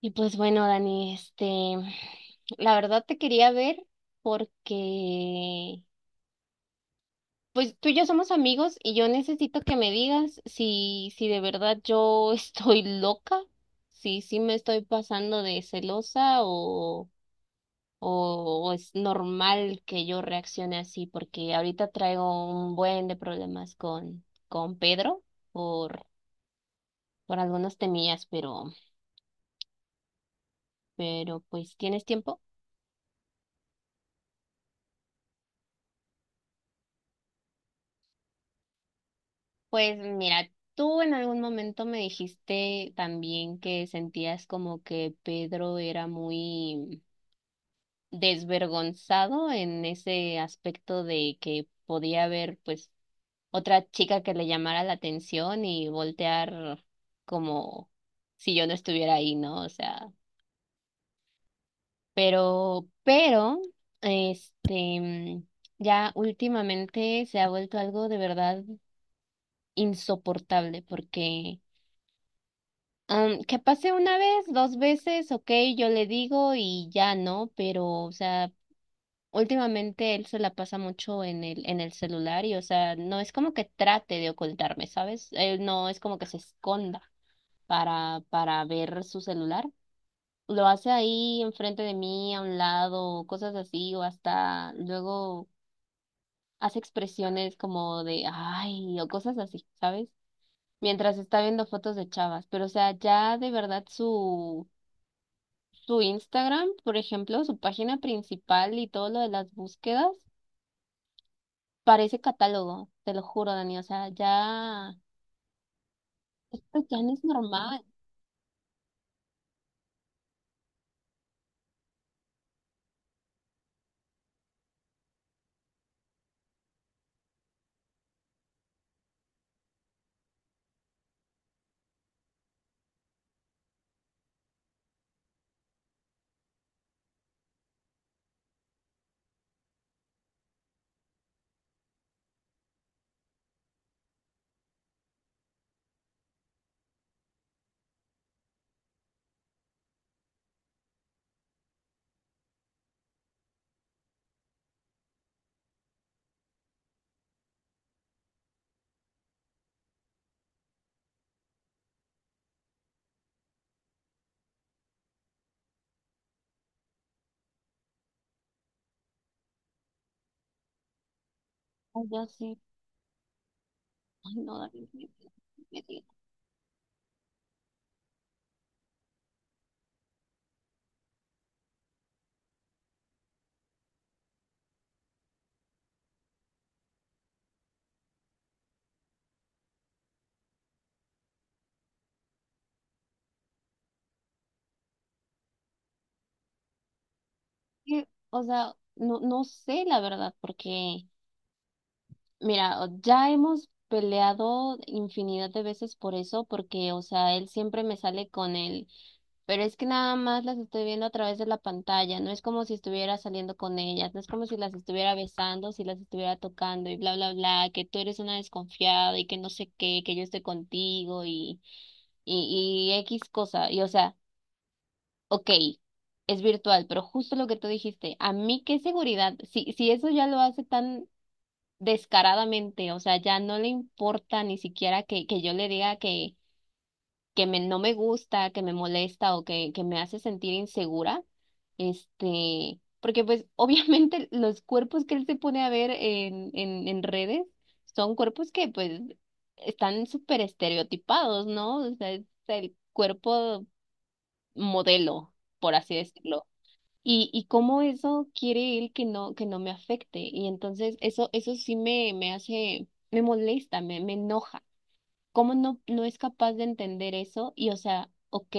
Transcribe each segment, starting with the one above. Y pues bueno, Dani, la verdad te quería ver porque, pues tú y yo somos amigos y yo necesito que me digas si de verdad yo estoy loca, si me estoy pasando de celosa o, o es normal que yo reaccione así, porque ahorita traigo un buen de problemas con Pedro por, por algunas temillas, pero pues, ¿tienes tiempo? Pues mira, tú en algún momento me dijiste también que sentías como que Pedro era muy desvergonzado en ese aspecto de que podía haber pues otra chica que le llamara la atención y voltear como si yo no estuviera ahí, ¿no? O sea, pero, pero, este, ya últimamente se ha vuelto algo de verdad insoportable porque que pase una vez, dos veces, ok, yo le digo y ya no, pero, o sea, últimamente él se la pasa mucho en el celular y, o sea, no es como que trate de ocultarme, ¿sabes? Él no es como que se esconda para ver su celular. Lo hace ahí enfrente de mí, a un lado, cosas así, o hasta luego hace expresiones como de ay, o cosas así, ¿sabes? Mientras está viendo fotos de chavas, pero, o sea, ya de verdad su Instagram, por ejemplo, su página principal y todo lo de las búsquedas, parece catálogo, te lo juro, Dani. O sea, ya, esto ya no es normal. Ay, ya sí. Ay, no, Dani. Me- me- O sea, no sé la verdad, porque mira, ya hemos peleado infinidad de veces por eso, porque, o sea, él siempre me sale con él, pero es que nada más las estoy viendo a través de la pantalla, no es como si estuviera saliendo con ellas, no es como si las estuviera besando, si las estuviera tocando y bla, bla, bla, que tú eres una desconfiada y que no sé qué, que yo estoy contigo y X cosa, y o sea, ok, es virtual, pero justo lo que tú dijiste, a mí qué seguridad, si eso ya lo hace tan descaradamente, o sea, ya no le importa ni siquiera que yo le diga que, no me gusta, que me molesta o que me hace sentir insegura, porque pues obviamente los cuerpos que él se pone a ver en redes son cuerpos que pues están súper estereotipados, ¿no? O sea, es el cuerpo modelo, por así decirlo. Y cómo eso quiere él que que no me afecte. Y entonces eso sí me hace, me molesta, me enoja. ¿Cómo no es capaz de entender eso? Y o sea, ok,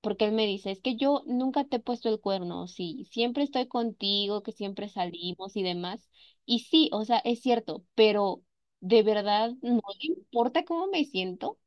porque él me dice, es que yo nunca te he puesto el cuerno, sí, siempre estoy contigo, que siempre salimos y demás. Y sí, o sea, es cierto, pero ¿de verdad no le importa cómo me siento?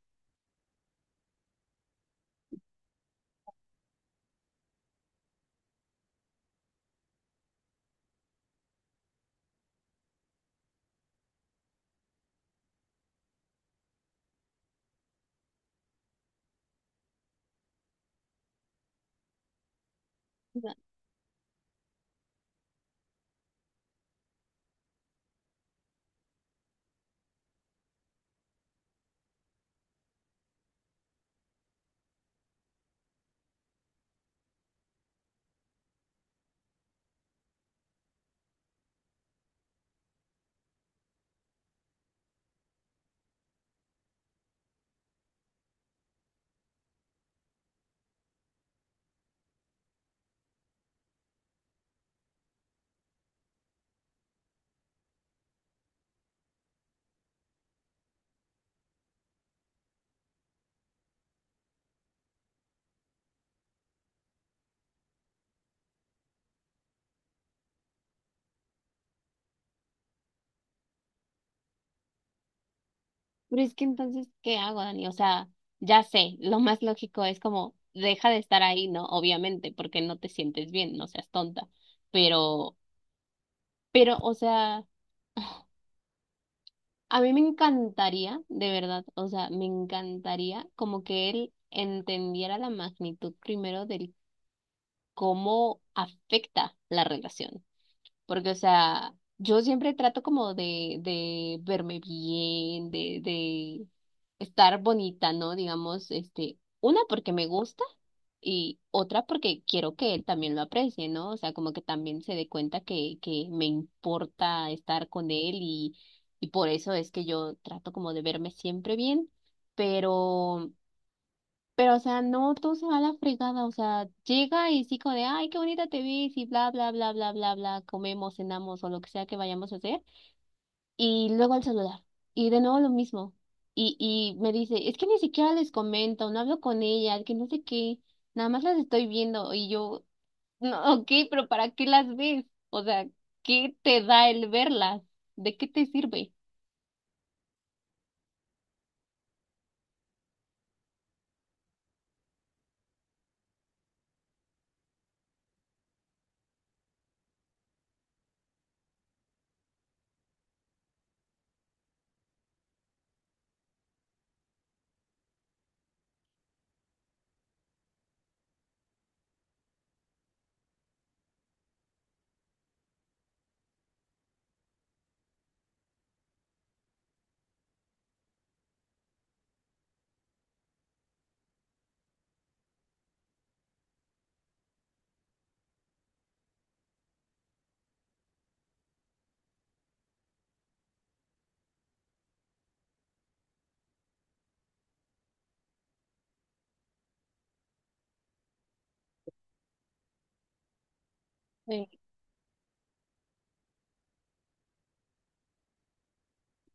Pero es que entonces, ¿qué hago, Dani? O sea, ya sé, lo más lógico es como, deja de estar ahí, ¿no? Obviamente, porque no te sientes bien, no seas tonta. Pero, pero, o sea, a mí me encantaría, de verdad, o sea, me encantaría como que él entendiera la magnitud primero del cómo afecta la relación. Porque, o sea, yo siempre trato como de verme bien, de estar bonita, ¿no? Digamos, este, una porque me gusta y otra porque quiero que él también lo aprecie, ¿no? O sea, como que también se dé cuenta que me importa estar con él y por eso es que yo trato como de verme siempre bien, pero... Pero, o sea, no todo se va a la fregada, o sea, llega y sí como de, ay, qué bonita te ves y bla, bla, bla, bla, bla, bla, comemos, cenamos o lo que sea que vayamos a hacer, y luego al celular, y de nuevo lo mismo, y me dice, es que ni siquiera les comento, no hablo con ellas, que no sé qué, nada más las estoy viendo, y yo, no, ok, pero ¿para qué las ves? O sea, ¿qué te da el verlas? ¿De qué te sirve?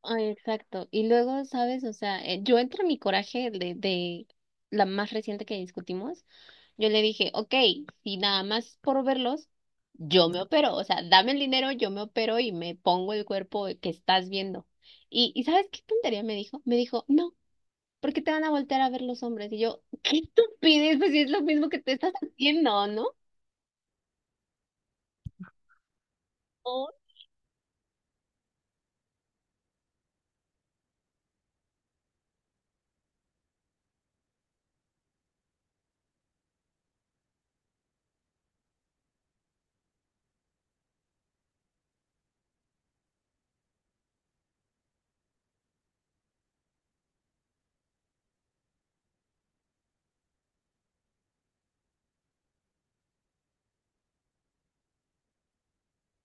Ay, exacto. Y luego, ¿sabes? O sea, yo entre mi coraje de la más reciente que discutimos, yo le dije, ok, si nada más por verlos, yo me opero. O sea, dame el dinero, yo me opero y me pongo el cuerpo que estás viendo. ¿Y sabes qué tontería me dijo? Me dijo, no, ¿por qué te van a voltear a ver los hombres? Y yo, qué estupidez, pues si es lo mismo que te estás haciendo, ¿no? Oh,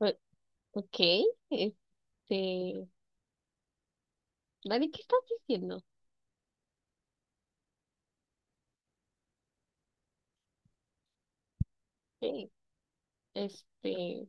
o- ok, este, Dani, ¿qué estás diciendo? Sí, este...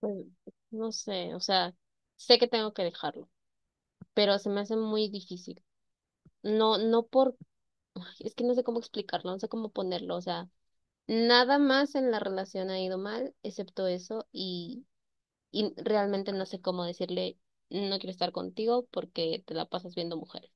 Pues no sé, o sea, sé que tengo que dejarlo, pero se me hace muy difícil. No, no por, Ay, es que no sé cómo explicarlo, no sé cómo ponerlo, o sea, nada más en la relación ha ido mal, excepto eso, y realmente no sé cómo decirle, no quiero estar contigo porque te la pasas viendo mujeres.